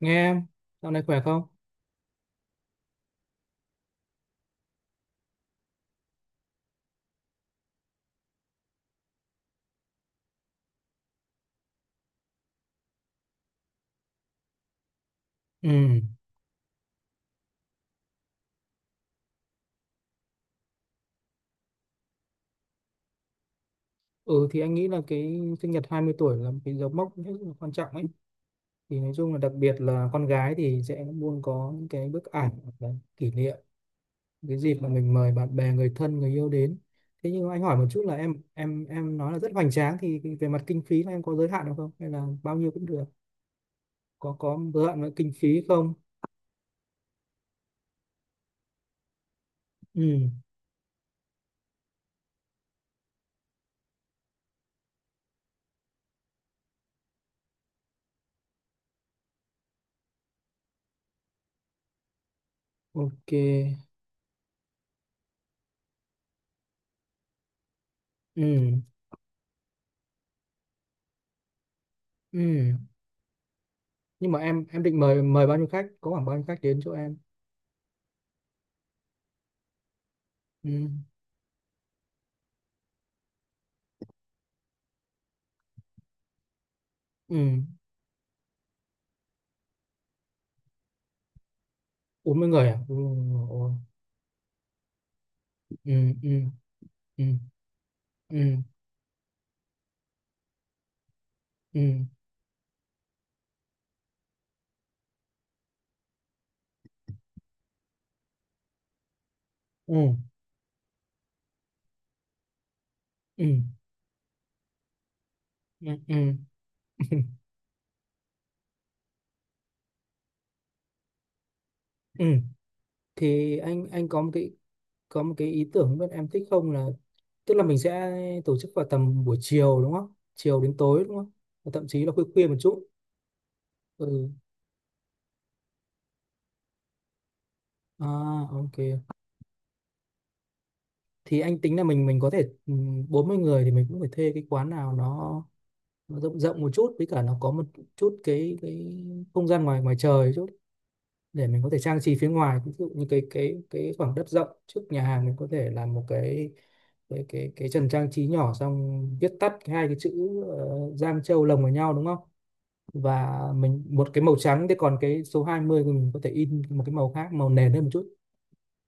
Nghe em, dạo này khỏe không? Ừ. Ừ thì anh nghĩ là cái sinh nhật 20 tuổi là một cái dấu mốc rất là quan trọng ấy. Thì nói chung là đặc biệt là con gái thì sẽ luôn có những cái bức ảnh hoặc là kỷ niệm cái dịp mà mình mời bạn bè, người thân, người yêu đến. Thế nhưng mà anh hỏi một chút là em nói là rất hoành tráng thì cái- về mặt kinh phí là em có giới hạn được không? Hay là bao nhiêu cũng được? Có giới hạn với kinh phí không? Ừ. Ok. Ừ. Ừ. Nhưng mà em định mời mời bao nhiêu khách? Có khoảng bao nhiêu khách đến chỗ em? Ừ. Ừ, 40 người à? Ừ, ôi. Ừ, ừ, ừ, ừ, ừ, ừ, ừ, ừ, ừ, ừ. Ừ. Thì anh có một cái ý tưởng bên em thích không là tức là mình sẽ tổ chức vào tầm buổi chiều, đúng không? Chiều đến tối, đúng không? Và thậm chí là khuya khuya một chút. Ừ. À, ok, thì anh tính là mình có thể ừ, 40 người thì mình cũng phải thuê cái quán nào nó rộng rộng một chút, với cả nó có một chút cái không gian ngoài ngoài trời chút để mình có thể trang trí phía ngoài. Ví dụ như cái khoảng đất rộng trước nhà hàng, mình có thể làm một cái cái trần trang trí nhỏ, xong viết tắt cái hai cái chữ Giang Châu lồng vào nhau, đúng không? Và mình một cái màu trắng, thế còn cái số 20 thì mình có thể in một cái màu khác màu nền hơn một chút,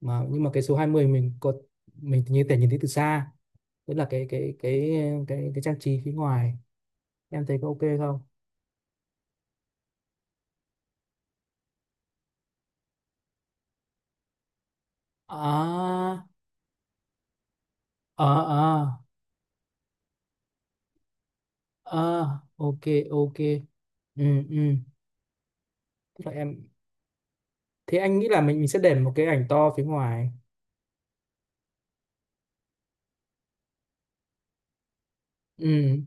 mà nhưng mà cái số 20 mình có mình như thể nhìn thấy từ xa, tức là cái trang trí phía ngoài. Em thấy có ok không? À, à, à, à, ok, ok. Ừ, ừ. Vậy em thế anh nghĩ là mình sẽ để một cái ảnh to phía ngoài. Ừ.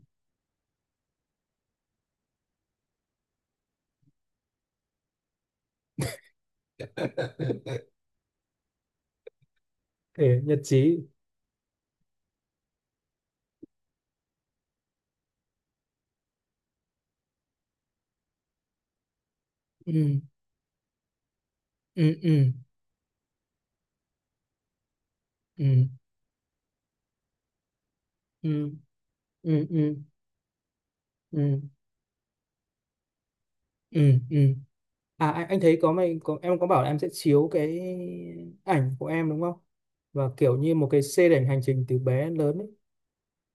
Để nhật trí. Ừ, ừ, ừ, ừ, ừ, ừ, ừ, ừ, ừ, ừ. À anh thấy có mày có em có bảo là em sẽ chiếu cái ảnh của em, đúng không? Và kiểu như một cái xê đảnh hành trình từ bé đến lớn ấy.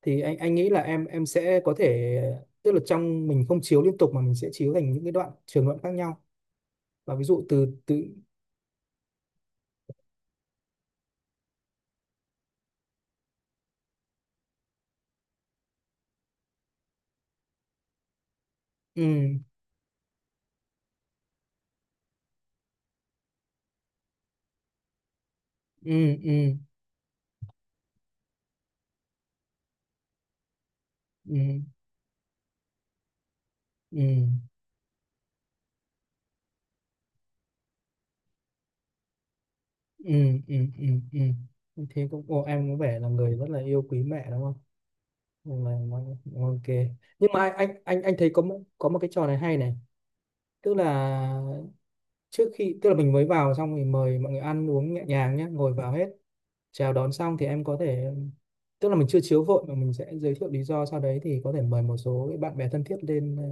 Thì anh nghĩ là em sẽ có thể tức là trong mình không chiếu liên tục mà mình sẽ chiếu thành những cái đoạn trường đoạn khác nhau. Và ví dụ từ từ. Ừ, ừ, ừ, ừ, ừ, ừ. Ừ, ừ, ừ, ừ, thế cũng ồ, em có vẻ là người rất là yêu quý mẹ, đúng không? Nhưng mà ok, nhưng mà anh thấy có một cái trò này hay này. Tức là trước khi tức là mình mới vào xong thì mời mọi người ăn uống nhẹ nhàng nhé, ngồi vào hết, chào đón xong thì em có thể tức là mình chưa chiếu vội mà mình sẽ giới thiệu lý do, sau đấy thì có thể mời một số cái bạn bè thân thiết lên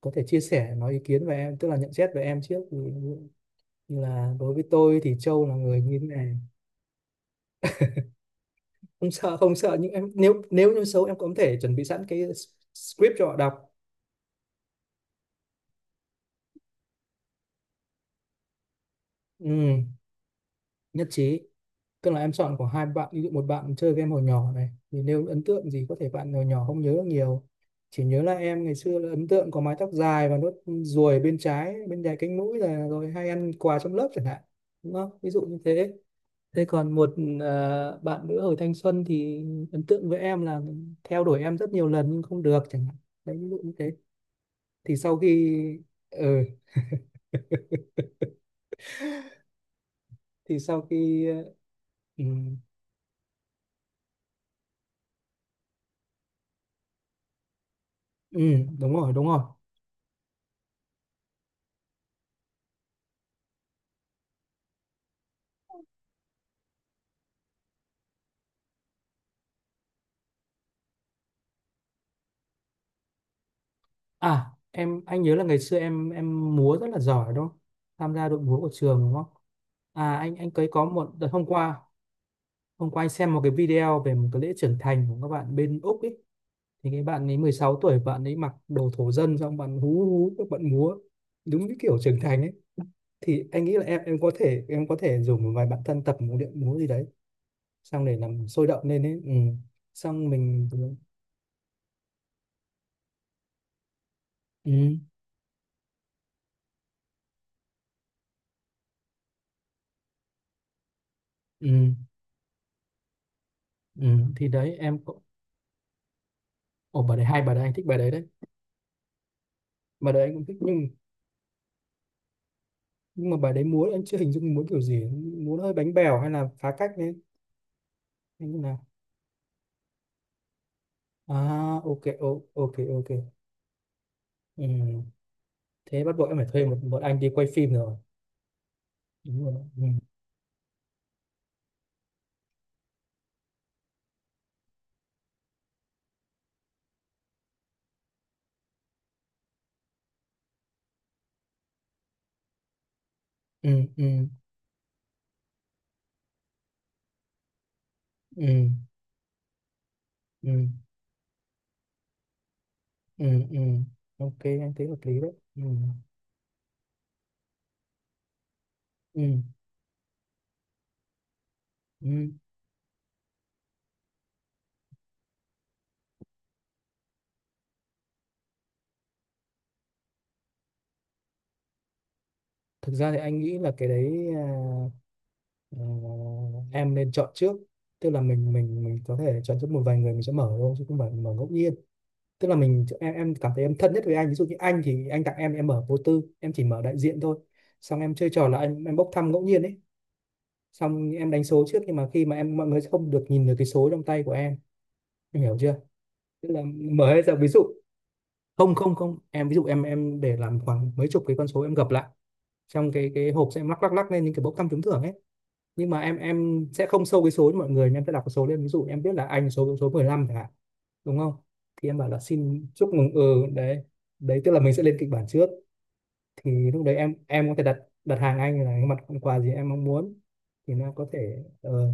có thể chia sẻ nói ý kiến về em, tức là nhận xét về em trước. Ví dụ như là đối với tôi thì Châu là người như thế này. Không sợ nhưng em nếu nếu như xấu, em cũng có thể chuẩn bị sẵn cái script cho họ đọc. Ừ, nhất trí, tức là em chọn của hai bạn, ví dụ một bạn chơi game hồi nhỏ này thì nếu ấn tượng gì có thể bạn hồi nhỏ không nhớ được nhiều, chỉ nhớ là em ngày xưa là ấn tượng có mái tóc dài và nốt ruồi bên trái bên dài cánh mũi là rồi hay ăn quà trong lớp chẳng hạn, đúng không? Ví dụ như thế. Thế còn một bạn nữa hồi thanh xuân thì ấn tượng với em là theo đuổi em rất nhiều lần nhưng không được chẳng hạn. Đấy, ví dụ như thế. Thì sau khi ừ, thì sau khi ừ, ừ, đúng rồi, đúng rồi. À em anh nhớ là ngày xưa em múa rất là giỏi, đúng không? Tham gia đội múa của trường, đúng không? À anh ấy có một đợt hôm qua, hôm qua anh xem một cái video về một cái lễ trưởng thành của các bạn bên Úc ấy, thì cái bạn ấy 16 tuổi, bạn ấy mặc đồ thổ dân xong bạn hú hú các bạn múa đúng cái kiểu trưởng thành ấy. Thì anh nghĩ là em có thể em có thể rủ một vài bạn thân tập một điệu múa gì đấy, xong để làm sôi động lên ấy. Ừ. Xong mình ừ. Ừ. Ừ. Thì đấy em cũng ồ, bà đấy hay, bà đấy anh thích bài đấy đấy. Bà đấy anh cũng thích, nhưng mà bài đấy múa anh chưa hình dung múa kiểu gì, múa hơi bánh bèo hay là phá cách đấy. Anh cũng nào. À, ok, ok, ok. Ừ. Thế bắt buộc em phải thuê một một anh đi quay phim rồi. Đúng rồi đó. Ừ. Ừ. Ừ. Ừ. Ừ. Ừ. Ừ. Ok, anh thấy hợp lý đấy. Ừ. Ừ. Ừ. Thực ra thì anh nghĩ là cái đấy à, ờ, em nên chọn trước, tức là mình có thể chọn trước một vài người mình sẽ mở thôi chứ không phải mở ngẫu nhiên. Tức là mình em cảm thấy em thân nhất với anh, ví dụ như anh thì anh tặng em mở vô tư, em chỉ mở đại diện thôi. Xong em chơi trò là anh em bốc thăm ngẫu nhiên ấy, xong em đánh số trước nhưng mà khi mà em mọi người sẽ không được nhìn được cái số trong tay của em. Em hiểu chưa? Tức là mở hết ra. Ví dụ không không không em, ví dụ em để làm khoảng mấy chục cái con số, em gập lại trong cái hộp, sẽ em lắc lắc lắc lên những cái bốc thăm trúng thưởng ấy. Nhưng mà em sẽ không show cái số cho mọi người, mà em sẽ đọc cái số lên. Ví dụ em biết là anh số số 15 chẳng hạn, đúng không? Thì em bảo là xin chúc mừng. Ừ, đấy, đấy, tức là mình sẽ lên kịch bản trước. Thì lúc đấy em có thể đặt đặt hàng anh là cái mặt hàng quà gì em mong muốn. Thì nó có thể ờ,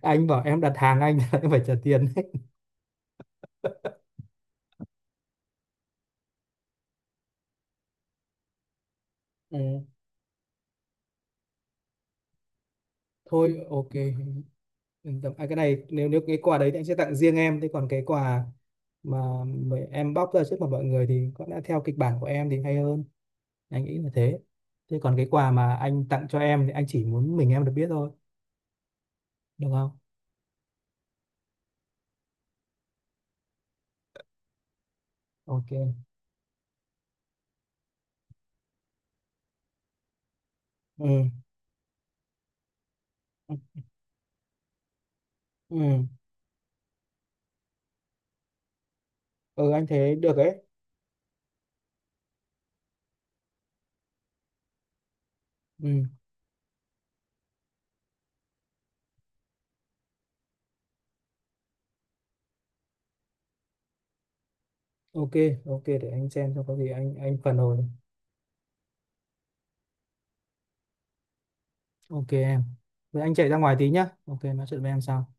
à, anh bảo em đặt hàng anh em phải trả tiền đấy. Ừ. Thôi ok, yên tâm à, cái này nếu nếu cái quà đấy thì anh sẽ tặng riêng em, thế còn cái quà mà em bóc ra trước mặt mọi người thì có lẽ theo kịch bản của em thì hay hơn. Anh nghĩ là thế. Thế còn cái quà mà anh tặng cho em thì anh chỉ muốn mình em được biết thôi, được không? Ok. Ừ, ừ, ừ. Ừ, anh thấy được đấy. Ừ. Ok, ok, để anh xem xong có gì anh phản hồi. Ok em, vậy anh chạy ra ngoài tí nhá, ok, nói chuyện với em sau.